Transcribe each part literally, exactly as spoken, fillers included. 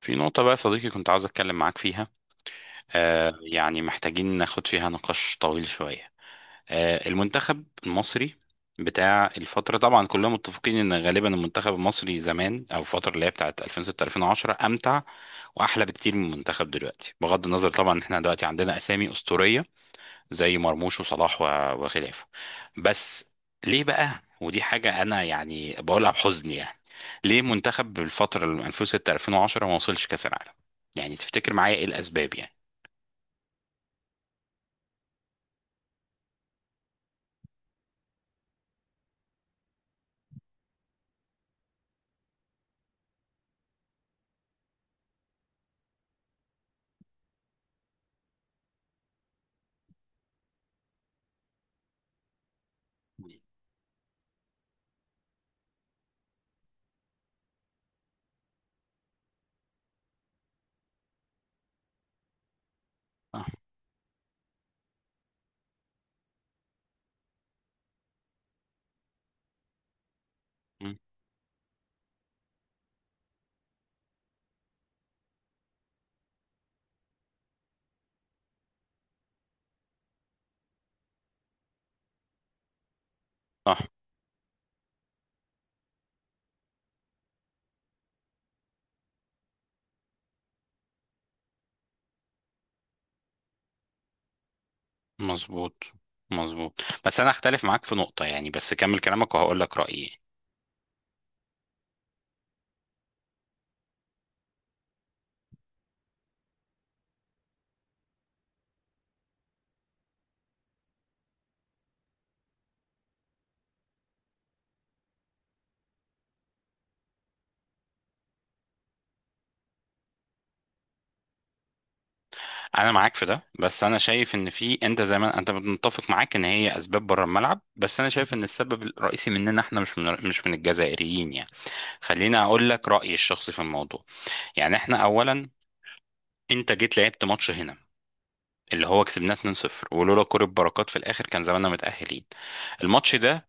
في نقطة بقى يا صديقي، كنت عاوز أتكلم معاك فيها. آه يعني محتاجين ناخد فيها نقاش طويل شوية. آه المنتخب المصري بتاع الفترة، طبعا كلنا متفقين إن غالبا المنتخب المصري زمان، أو الفترة اللي هي بتاعت ألفين وستة ألفين وعشرة، أمتع وأحلى بكتير من المنتخب دلوقتي. بغض النظر طبعا إن إحنا دلوقتي عندنا أسامي أسطورية زي مرموش وصلاح و- وخلافه، بس ليه بقى؟ ودي حاجة أنا يعني بقولها بحزن يعني. ليه منتخب بالفترة اللي من ألفين وستة ألفين وعشرة ما وصلش كأس العالم؟ يعني تفتكر معايا إيه الأسباب يعني؟ صح. مم. صح، مظبوط، مظبوط. بس أنا أختلف معاك في نقطة يعني، بس كمل كلامك وهقول لك رأيي. انا معاك في ده، بس انا شايف ان في، انت زي ما انت متفق معاك ان هي اسباب بره الملعب، بس انا شايف ان السبب الرئيسي مننا احنا، مش من مش من الجزائريين يعني. خليني اقول لك رايي الشخصي في الموضوع. يعني احنا اولا، انت جيت لعبت ماتش هنا اللي هو كسبناه اتنين صفر، ولولا كرة بركات في الاخر كان زماننا متاهلين. الماتش ده،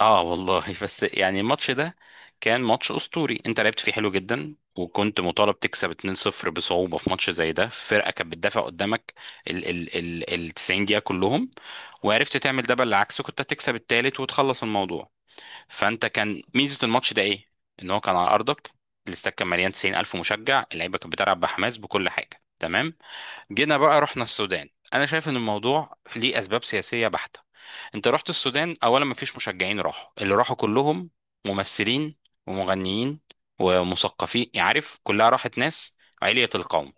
اه والله، بس يعني الماتش ده كان ماتش اسطوري، انت لعبت فيه حلو جدا، وكنت مطالب تكسب اثنين صفر بصعوبة في ماتش زي ده. فرقة كانت بتدافع قدامك ال ال ال ال التسعين دقيقة كلهم، وعرفت تعمل ده، بالعكس كنت هتكسب التالت وتخلص الموضوع. فانت كان ميزة الماتش ده ايه؟ ان هو كان على ارضك، الاستاد كان مليان تسعين ألف مشجع، اللعيبة كانت بتلعب بحماس، بكل حاجة تمام. جينا بقى رحنا السودان. انا شايف ان الموضوع ليه اسباب سياسية بحتة. انت رحت السودان، اولا مفيش مشجعين راحوا، اللي راحوا كلهم ممثلين ومغنيين ومثقفين، يعني عارف كلها راحت ناس علية القوم.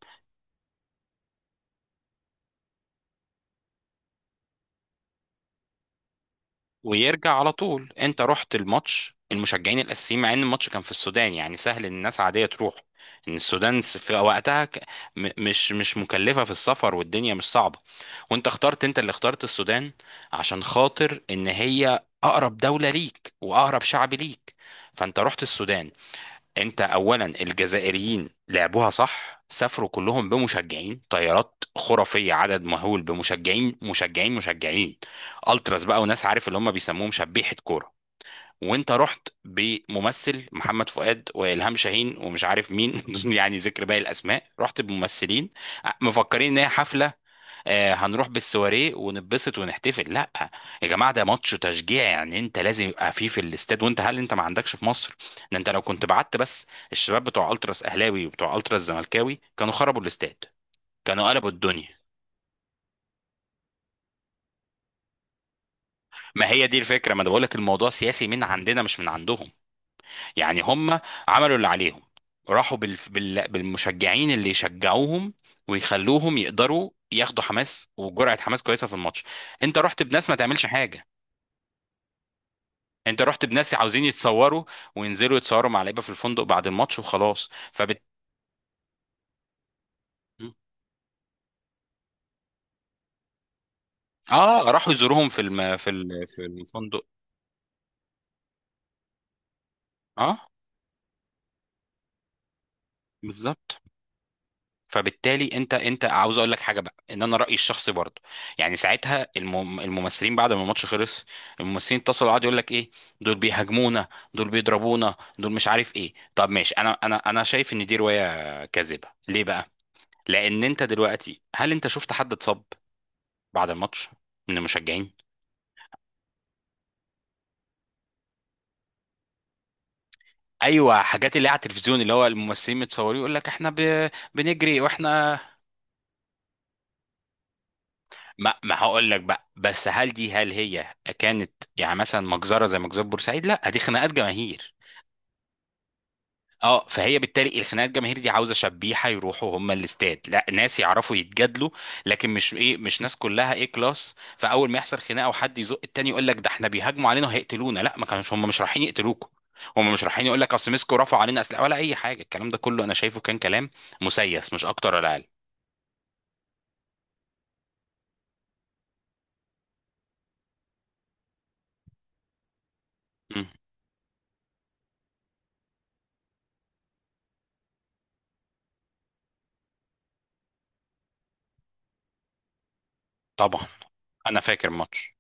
ويرجع على طول. انت رحت الماتش المشجعين الاساسيين، مع ان الماتش كان في السودان يعني سهل ان الناس عادية تروح. ان السودان س- في وقتها ك- م- مش مش مكلفة في السفر، والدنيا مش صعبة. وانت اخترت، انت اللي اخترت السودان عشان خاطر ان هي اقرب دولة ليك، واقرب شعب ليك. فانت رحت السودان. انت اولا الجزائريين لعبوها صح، سافروا كلهم بمشجعين، طيارات خرافيه، عدد مهول بمشجعين مشجعين مشجعين، التراس بقى، وناس عارف اللي هم بيسموهم شبيحه كوره. وانت رحت بممثل محمد فؤاد، والهام شاهين، ومش عارف مين يعني ذكر باقي الاسماء، رحت بممثلين مفكرين ان هي حفله. آه، هنروح بالسواريه ونتبسط ونحتفل. لا يا جماعه، ده ماتش تشجيع يعني، انت لازم يبقى فيه في الاستاد. وانت، هل انت ما عندكش في مصر؟ ده انت لو كنت بعت بس الشباب بتوع التراس اهلاوي، وبتوع التراس زملكاوي، كانوا خربوا الاستاد، كانوا قلبوا الدنيا. ما هي دي الفكره، ما انا بقول لك الموضوع سياسي من عندنا، مش من عندهم يعني. هم عملوا اللي عليهم، راحوا بال... بال... بالمشجعين اللي يشجعوهم ويخلوهم يقدروا ياخدوا حماس، وجرعه حماس كويسه في الماتش. انت رحت بناس ما تعملش حاجه، انت رحت بناس عاوزين يتصوروا وينزلوا يتصوروا مع لعيبه في الفندق بعد الماتش، وخلاص. فبت... اه راحوا يزوروهم في الم... في ال... في الفندق اه، بالظبط. فبالتالي انت انت عاوز اقول لك حاجه بقى، ان انا رايي الشخصي برضه، يعني ساعتها الم... الممثلين بعد ما الماتش خلص، الممثلين اتصلوا قعدوا يقول لك ايه، دول بيهاجمونا، دول بيضربونا، دول مش عارف ايه. طب ماشي، انا انا انا شايف ان دي روايه كاذبه. ليه بقى؟ لان انت دلوقتي، هل انت شفت حد اتصاب بعد الماتش من المشجعين؟ ايوه، حاجات اللي على التلفزيون، اللي هو الممثلين متصورين يقول لك احنا ب... بنجري واحنا... ما ما هقول لك بقى، بس هل دي هل هي كانت يعني مثلا مجزره زي مجزره بورسعيد؟ لا، دي خناقات جماهير. اه، فهي بالتالي الخناقه الجماهيريه دي، عاوزه شبيحه يروحوا هم الاستاد، لا ناس يعرفوا يتجادلوا. لكن مش، ايه، مش ناس كلها ايه كلاس، فاول ما يحصل خناقه، وحد يزق التاني، يقول لك ده احنا بيهاجموا علينا وهيقتلونا. لا، ما كانوش، هم مش رايحين يقتلوكوا، هم مش رايحين. يقول لك اصل مسكوا رفعوا علينا اسلحه، ولا اي حاجه، الكلام ده كله انا شايفه كان كلام مسيس، مش اكتر ولا اقل. مم. طبعا. انا فاكر ماتش...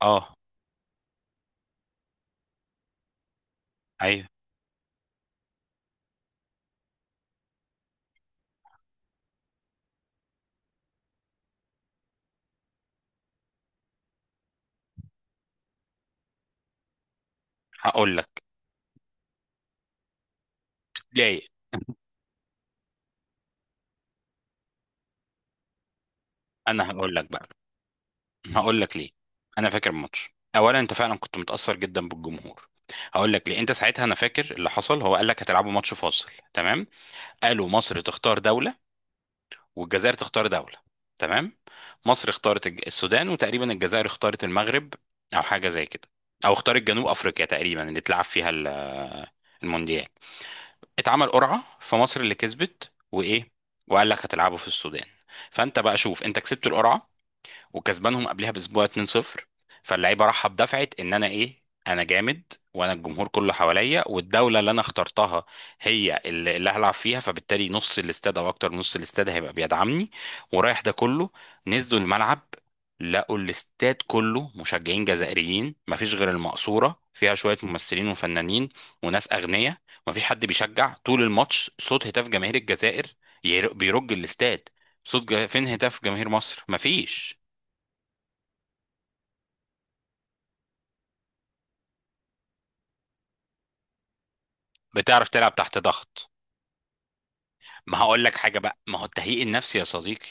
اه، ايوه، هقول لك ليه، انا هقول لك بقى، هقول لك ليه. انا فاكر الماتش، اولا انت فعلا كنت متاثر جدا بالجمهور. هقول لك ليه، انت ساعتها، انا فاكر اللي حصل، هو قال لك هتلعبوا ماتش فاصل، تمام؟ قالوا مصر تختار دوله، والجزائر تختار دوله، تمام. مصر اختارت الج- السودان، وتقريبا الجزائر اختارت المغرب، او حاجه زي كده، او اختارت جنوب افريقيا تقريبا اللي اتلعب فيها ال- المونديال. اتعمل قرعه، فمصر اللي كسبت، وايه، وقال لك هتلعبوا في السودان. فانت بقى شوف، انت كسبت القرعه، وكسبانهم قبلها باسبوع اتنين صفر. فاللعيبه راحه بدفعه ان انا ايه، انا جامد، وانا الجمهور كله حواليا، والدوله اللي انا اخترتها هي اللي اللي هلعب فيها، فبالتالي نص الاستاد، او اكتر من نص الاستاد، هيبقى بيدعمني، ورايح ده كله. نزلوا الملعب، لقوا الاستاد كله مشجعين جزائريين، مفيش غير المقصوره فيها شويه ممثلين وفنانين وناس اغنياء. مفيش حد بيشجع. طول الماتش صوت هتاف جماهير الجزائر ير- بيرج الاستاد، صوت جا- فين هتاف جماهير مصر؟ مفيش. بتعرف تلعب تحت ضغط. ما هقول لك حاجه بقى، ما هو التهيئ النفسي يا صديقي،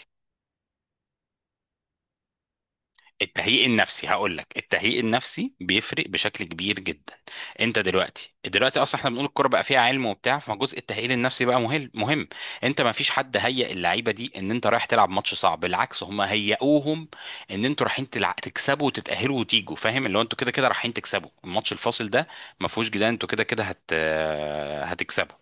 التهيئ النفسي. هقول لك، التهيئ النفسي بيفرق بشكل كبير جدا. انت دلوقتي دلوقتي اصلا احنا بنقول الكوره بقى فيها علم وبتاع، فجزء التهيئ النفسي بقى مهم مهم. انت ما فيش حد هيئ اللعيبه دي ان انت رايح تلعب ماتش صعب، بالعكس، هم هيئوهم ان انتوا رايحين تلع... تكسبوا وتتاهلوا وتيجوا، فاهم؟ اللي هو انتوا كده كده رايحين تكسبوا الماتش الفاصل ده، ما فيهوش جدال، انتوا كده كده هت... هتكسبوا.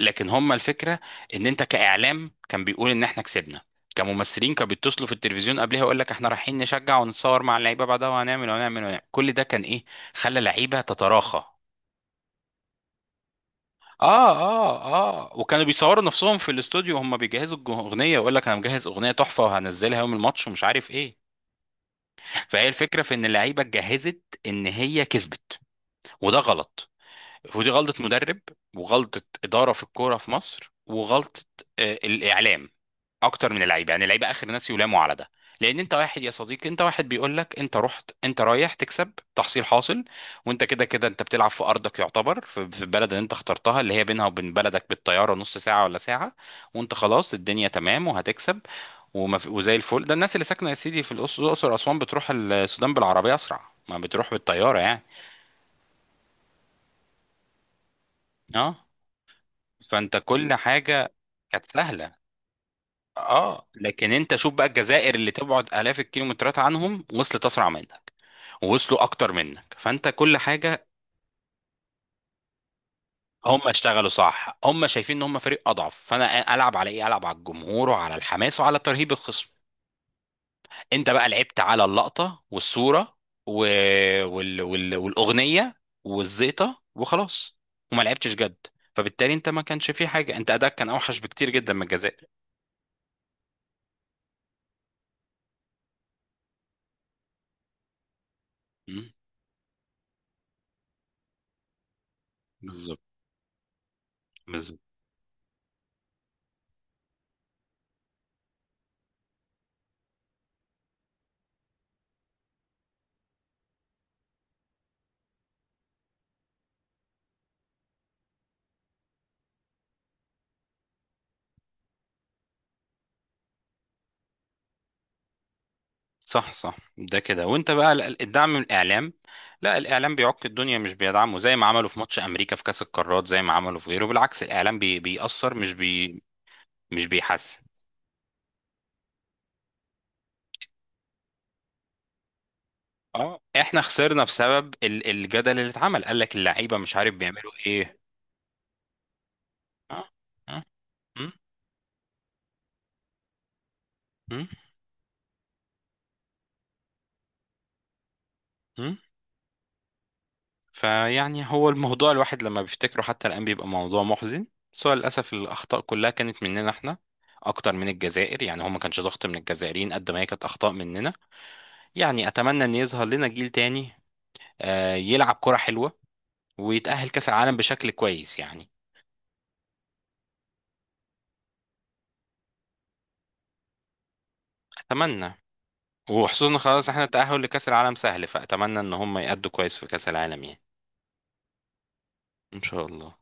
لكن هم الفكره ان انت، كاعلام كان بيقول ان احنا كسبنا، كممثلين كانوا بيتصلوا في التلفزيون قبلها يقول لك احنا رايحين نشجع ونتصور مع اللعيبه بعدها، وهنعمل وهنعمل وهنعمل، كل ده كان ايه؟ خلى لعيبه تتراخى. اه، اه، اه. وكانوا بيصوروا نفسهم في الاستوديو وهم بيجهزوا الج- الاغنيه، يقول لك انا مجهز اغنيه تحفه وهنزلها يوم الماتش، ومش عارف ايه. فهي الفكره في ان اللعيبه اتجهزت ان هي كسبت. وده غلط، ودي غلطة مدرب، وغلطة إدارة في الكورة في مصر، وغلطة آه، الإعلام، أكتر من اللعيبة. يعني اللعيبة آخر ناس يلاموا على ده، لأن أنت واحد يا صديقي، أنت واحد بيقول لك أنت رحت، أنت رايح تكسب تحصيل حاصل، وأنت كده كده أنت بتلعب في أرضك يعتبر، في في البلد اللي أنت اخترتها اللي هي بينها وبين بلدك بالطيارة نص ساعة ولا ساعة، وأنت خلاص الدنيا تمام وهتكسب وما في، وزي الفل. ده الناس اللي ساكنة يا سيدي في الأقصر، الأقصر وأسوان، بتروح السودان بالعربية أسرع ما بتروح بالطيارة يعني. أه، فأنت كل حاجة كانت سهله. اه، لكن انت شوف بقى الجزائر اللي تبعد الاف الكيلومترات عنهم وصلت اسرع منك، ووصلوا اكتر منك. فانت كل حاجه. هم اشتغلوا صح، هم شايفين ان هم فريق اضعف، فانا العب على ايه؟ العب على الجمهور، وعلى الحماس، وعلى ترهيب الخصم. انت بقى لعبت على اللقطه والصوره، و... وال... وال... والاغنيه والزيطه وخلاص، وما لعبتش جد. فبالتالي انت ما كانش فيه حاجه، انت اداك كان اوحش بكتير جدا من الجزائر. مم، بالظبط، بالظبط. صح، صح، ده كده. وانت بقى ال- ال- الدعم من الاعلام؟ لا، الاعلام بيعك الدنيا مش بيدعمه، زي ما عملوا في ماتش امريكا في كاس القارات، زي ما عملوا في غيره، بالعكس الاعلام بي بيأثر مش بي، مش بيحسن. اه، احنا خسرنا بسبب ال- الجدل اللي اتعمل، قال لك اللعيبه مش عارف بيعملوا ايه. اه، اه. مم، مم، مم. فيعني هو الموضوع الواحد لما بيفتكره حتى الان بيبقى موضوع محزن. بس هو للاسف الاخطاء كلها كانت مننا احنا اكتر من الجزائر، يعني هو ما كانش ضغط من الجزائريين قد ما هي كانت اخطاء مننا. يعني اتمنى ان يظهر لنا جيل تاني، آه، يلعب كرة حلوة ويتأهل كأس العالم بشكل كويس يعني. اتمنى، وخصوصا خلاص احنا التأهل لكأس العالم سهل، فاتمنى ان هم يأدوا كويس في كأس العالم يعني. ان شاء الله.